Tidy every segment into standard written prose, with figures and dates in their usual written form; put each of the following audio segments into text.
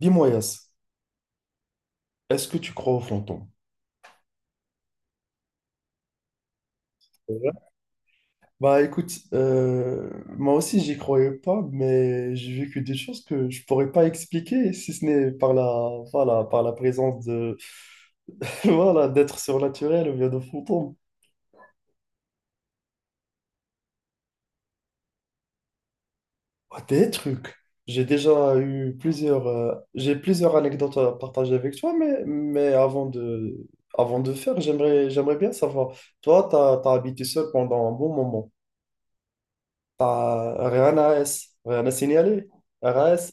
Dis-moi, Yas, est-ce que tu crois aux fantômes? Ouais. Bah écoute, moi aussi j'y croyais pas, mais j'ai vécu des choses que je pourrais pas expliquer si ce n'est par la, voilà, par la présence de, voilà, d'êtres surnaturels ou bien de fantômes. Ah, des trucs. J'ai plusieurs anecdotes à partager avec toi, mais avant de faire, j'aimerais bien savoir. Toi, t'as habité seul pendant un bon moment. Ah, Rehan AS. Rehan a signalé. RAS.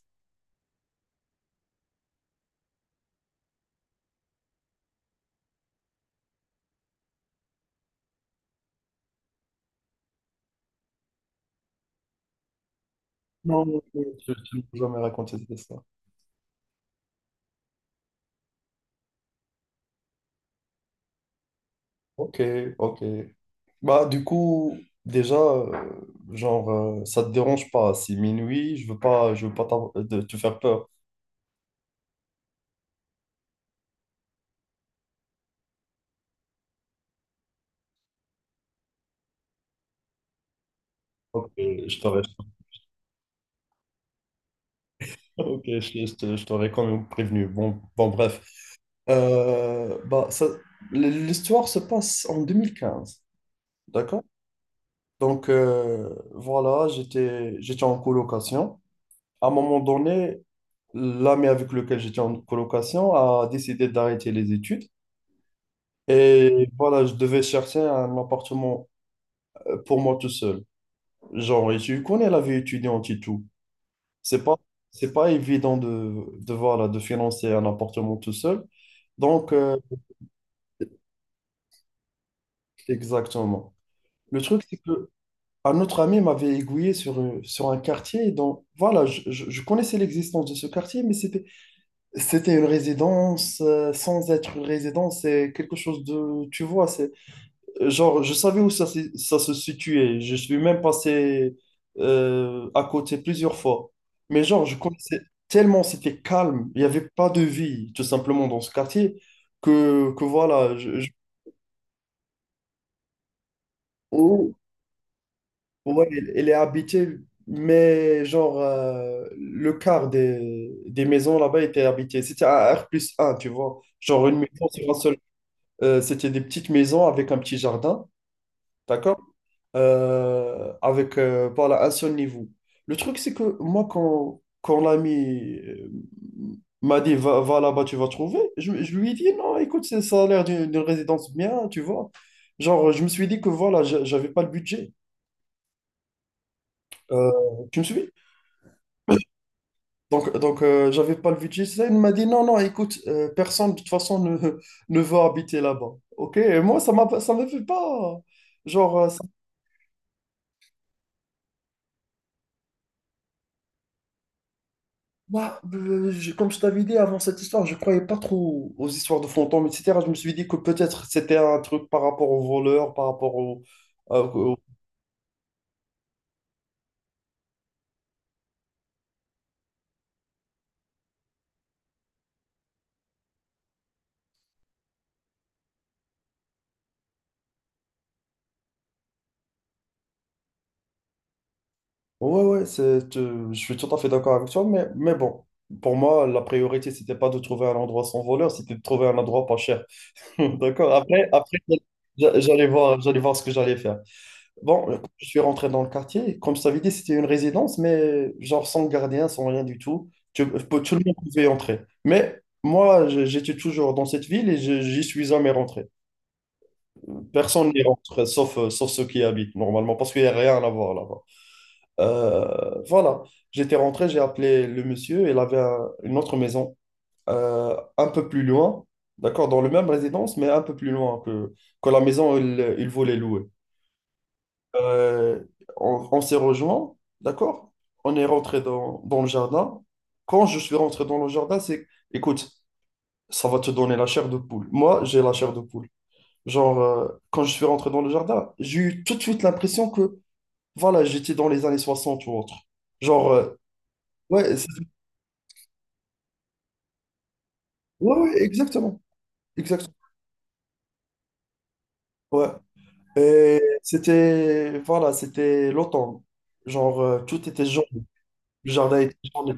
Non, non, non, tu peux jamais raconter cette histoire. Ok, ok. Bah, du coup, déjà, genre, ça te dérange pas. Si minuit, je veux pas de te faire peur. Ok, je t'aurais, ok, je t'aurais quand même prévenu. Bon, bon, bref. Ça, l'histoire se passe en 2015, d'accord? Donc, voilà, j'étais en colocation. À un moment donné, l'ami avec lequel j'étais en colocation a décidé d'arrêter les études. Et voilà, je devais chercher un appartement pour moi tout seul. Genre, et tu connais la vie étudiante et tout. C'est pas, c'est pas évident de, voilà, de financer un appartement tout seul. Donc, exactement. Le truc, c'est que un autre ami m'avait aiguillé sur, sur un quartier dont, voilà, je connaissais l'existence de ce quartier, mais c'était une résidence, sans être une résidence, c'est quelque chose de, tu vois, c'est genre, je savais où ça, ça se situait, je suis même passé à côté plusieurs fois. Mais genre, je connaissais tellement, c'était calme, il n'y avait pas de vie, tout simplement, dans ce quartier, que voilà, je. Oh, ouais, elle elle est habitée, mais genre, le quart des maisons là-bas était habité. C'était un R plus un tu vois, genre une maison sur un seul. C'était des petites maisons avec un petit jardin, d'accord? Avec voilà, un seul niveau. Le truc, c'est que moi, quand l'ami m'a dit va, va là-bas, tu vas trouver, je lui ai dit non, écoute, ça a l'air d'une d'une résidence bien, tu vois. Genre, je me suis dit que voilà, j'avais pas le budget. Euh, tu me suis? Donc j'avais pas le budget. Ça, il m'a dit non, non, écoute, personne de toute façon ne, ne veut habiter là-bas. Ok? Et moi, ça me fait pas. Genre, bah, comme je t'avais dit avant cette histoire, je croyais pas trop aux histoires de fantômes, etc. Je me suis dit que peut-être c'était un truc par rapport aux voleurs, par rapport au... à- au- Ouais, ouais, c'est, je suis tout à fait d'accord avec toi, mais bon, pour moi, la priorité, c'était pas de trouver un endroit sans voleur, c'était de trouver un endroit pas cher. D'accord? Après, après j'allais voir ce que j'allais faire. Bon, je suis rentré dans le quartier. Comme je t'avais dit, c'était une résidence, mais genre sans gardien, sans rien du tout. Peux tout le monde pouvait y entrer. Mais moi, j'étais toujours dans cette ville et j'y suis jamais rentré. Personne n'y rentre, sauf, sauf ceux qui y habitent normalement, parce qu'il n'y a rien à voir là-bas. Voilà, j'étais rentré, j'ai appelé le monsieur. Il avait une autre maison un peu plus loin, d'accord, dans le même résidence, mais un peu plus loin que la maison où il voulait louer. Euh, on s'est rejoints, d'accord? On est rentré dans, dans le jardin. Quand je suis rentré dans le jardin, c'est, écoute, ça va te donner la chair de poule. Moi, j'ai la chair de poule. Genre, quand je suis rentré dans le jardin, j'ai eu tout de suite l'impression que, voilà, j'étais dans les années soixante ou autre. Genre, ouais, ouais, ouais, exactement. Exactement. Ouais. Et c'était, voilà, c'était l'automne. Genre, tout était jaune. Le jardin était jaune.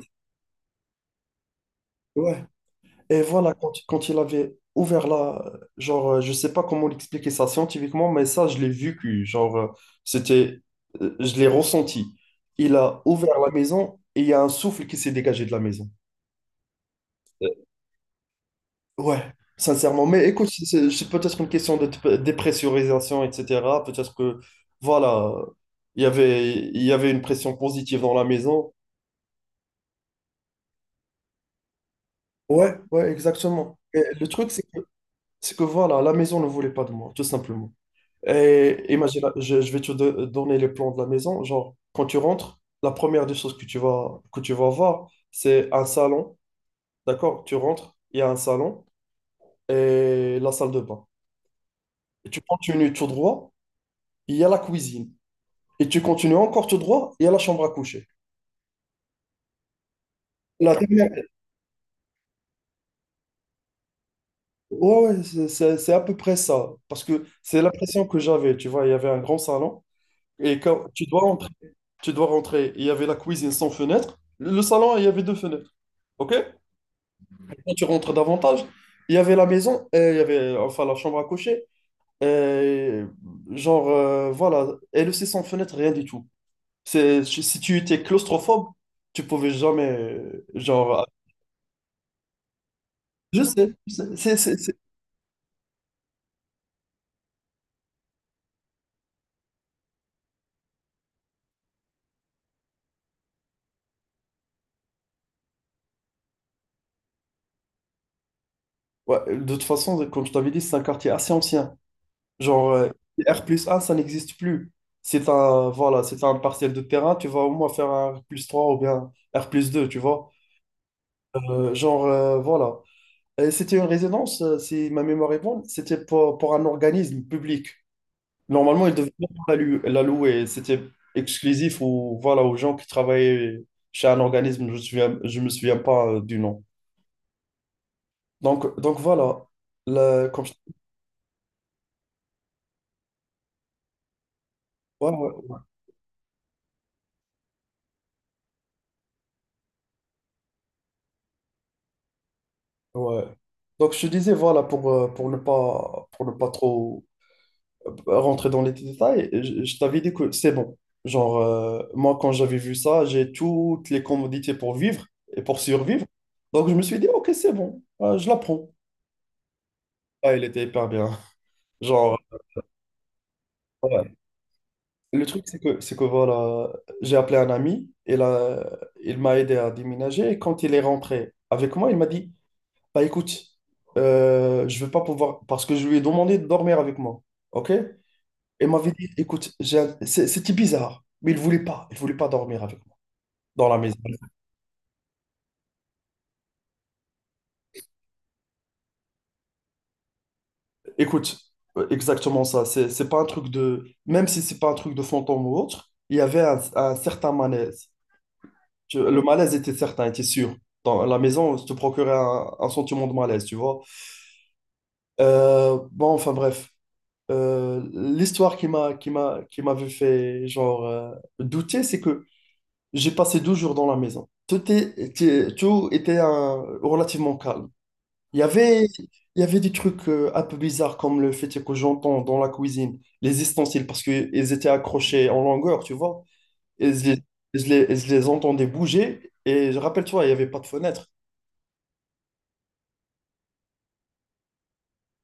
Et voilà, quand il avait ouvert la... Genre, je sais pas comment l'expliquer ça scientifiquement, mais ça, je l'ai vu que, genre, c'était... je l'ai ressenti. Il a ouvert la maison et il y a un souffle qui s'est dégagé de la maison. Euh, Ouais, sincèrement. Mais écoute, c'est c'est peut-être une question de dépressurisation, etc. Peut-être que, voilà, il y avait une pression positive dans la maison. Ouais, ouais, exactement. Et le truc, c'est que, voilà, la maison ne voulait pas de moi, tout simplement. Et imagine, je vais te donner les plans de la maison. Genre, quand tu rentres, la première des choses que tu vas voir, c'est un salon. D'accord? Tu rentres, il y a un salon et la salle de bain. Et tu continues tout droit, il y a la cuisine. Et tu continues encore tout droit, il y a la chambre à coucher. La dernière- Ouais, ouais, c'est c'est à peu près ça. Parce que c'est l'impression que j'avais. Tu vois, il y avait un grand salon. Et quand tu dois rentrer, il y avait la cuisine sans fenêtre. Le salon, il y avait deux fenêtres. OK? Quand tu rentres davantage, il y avait enfin la chambre à coucher, euh, genre voilà, elle aussi sans fenêtre, rien du tout. C'est, si si tu étais claustrophobe, tu pouvais jamais, genre, je sais, Ouais, de toute façon, comme je t'avais dit, c'est un quartier assez ancien. Genre, R plus un ça n'existe plus. C'est un, voilà, c'est un partiel de terrain, tu vas au moins faire un R plus 3 ou bien R plus 2 tu vois. Genre, voilà. C'était une résidence, si ma mémoire est bonne, c'était pour un organisme public. Normalement, ils devaient pas la louer. C'était exclusif aux, voilà, aux gens qui travaillaient chez un organisme. Je me souviens pas du nom. Donc voilà. Là, comme je- ouais, ouais, ouais. Donc je te disais, voilà, pour ne pas trop rentrer dans les détails, je t'avais dit que c'est bon. Genre, moi, quand j'avais vu ça, j'ai toutes les commodités pour vivre et pour survivre. Donc, je me suis dit, OK, c'est bon, euh, je la prends. Ah, il était hyper bien. Genre, ouais. Le truc, c'est que voilà, j'ai appelé un ami, et là, il m'a aidé à déménager. Et quand il est rentré avec moi, il m'a dit, bah écoute, je vais pas pouvoir, parce que je lui ai demandé de dormir avec moi. OK? Et il m'avait dit, écoute, c'était bizarre, mais il voulait pas dormir avec moi dans la maison. Écoute, exactement ça. C'est pas un truc de, même si c'est pas un truc de fantôme ou autre, il y avait un certain malaise. Le malaise était certain, était sûr. Dans la maison, ça te procurait un sentiment de malaise, tu vois. Bon, enfin bref, euh, l'histoire qui m'avait fait genre douter, c'est que j'ai passé 12 jours dans la maison. Tout était relativement calme. Il y avait, il y avait des trucs un peu bizarres comme le fait que j'entends dans la cuisine, les ustensiles, parce qu'ils étaient accrochés en longueur, tu vois. Et et je les entendais bouger. Et je rappelle-toi, il n'y avait pas de fenêtre.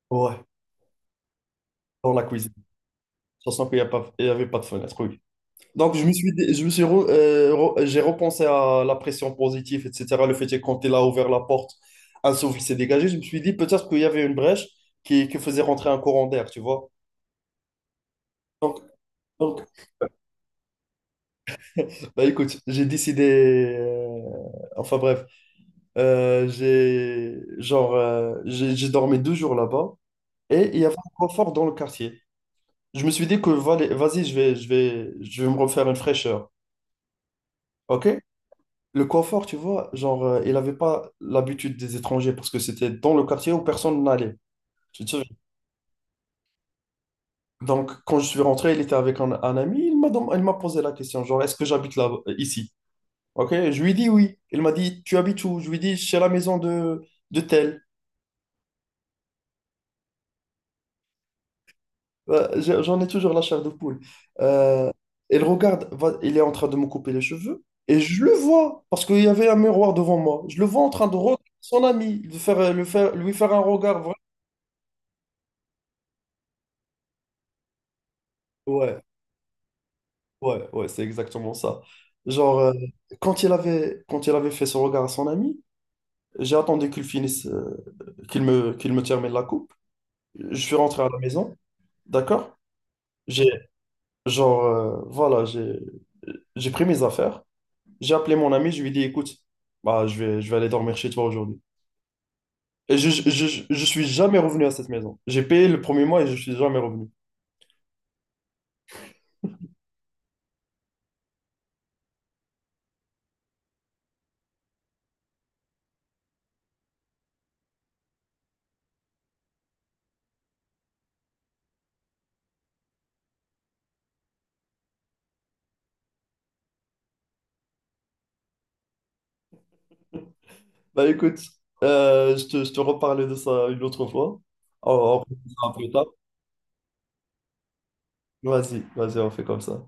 Ouais, dans la cuisine. Ça sent qu'il n'y a pas, il y avait pas de fenêtre, oui. Donc, je me suis, re- re- j'ai repensé à la pression positive, etc. Le fait que quand il a ouvert la porte, un souffle s'est dégagé. Je me suis dit peut-être qu'il y avait une brèche qui faisait rentrer un courant d'air, tu vois. Donc, donc, bah écoute, j'ai décidé. Euh, enfin bref, j'ai genre j'ai dormi 2 jours là-bas et il y avait un confort dans le quartier. Je me suis dit que vas-y, je vais me refaire une fraîcheur. Ok? Le confort, tu vois, genre il n'avait pas l'habitude des étrangers parce que c'était dans le quartier où personne n'allait. Tu te souviens. Donc quand je suis rentré, il était avec un ami. Il m'a posé la question, genre est-ce que j'habite là ici? Ok, je lui dis oui. Il m'a dit, tu habites où? Je lui dis, chez la maison de tel. J'en ai toujours la chair de poule. Euh, il regarde, il est en train de me couper les cheveux. Et je le vois, parce qu'il y avait un miroir devant moi. Je le vois en train de regarder son ami, de faire, le faire, lui faire un regard vrai. Ouais, ouais, c'est exactement ça. Genre, quand il avait fait ce regard à son ami, j'ai attendu qu'il finisse, qu'il me termine la coupe. Je suis rentré à la maison, d'accord? J'ai genre, voilà, j'ai pris mes affaires, j'ai appelé mon ami, je lui ai dit, écoute, bah, je vais aller dormir chez toi aujourd'hui. Et je suis jamais revenu à cette maison. J'ai payé le 1er mois et je suis jamais revenu. Bah écoute, je te reparle de ça une autre fois. On fera ça plus tard. Vas-y, vas-y, on fait comme ça.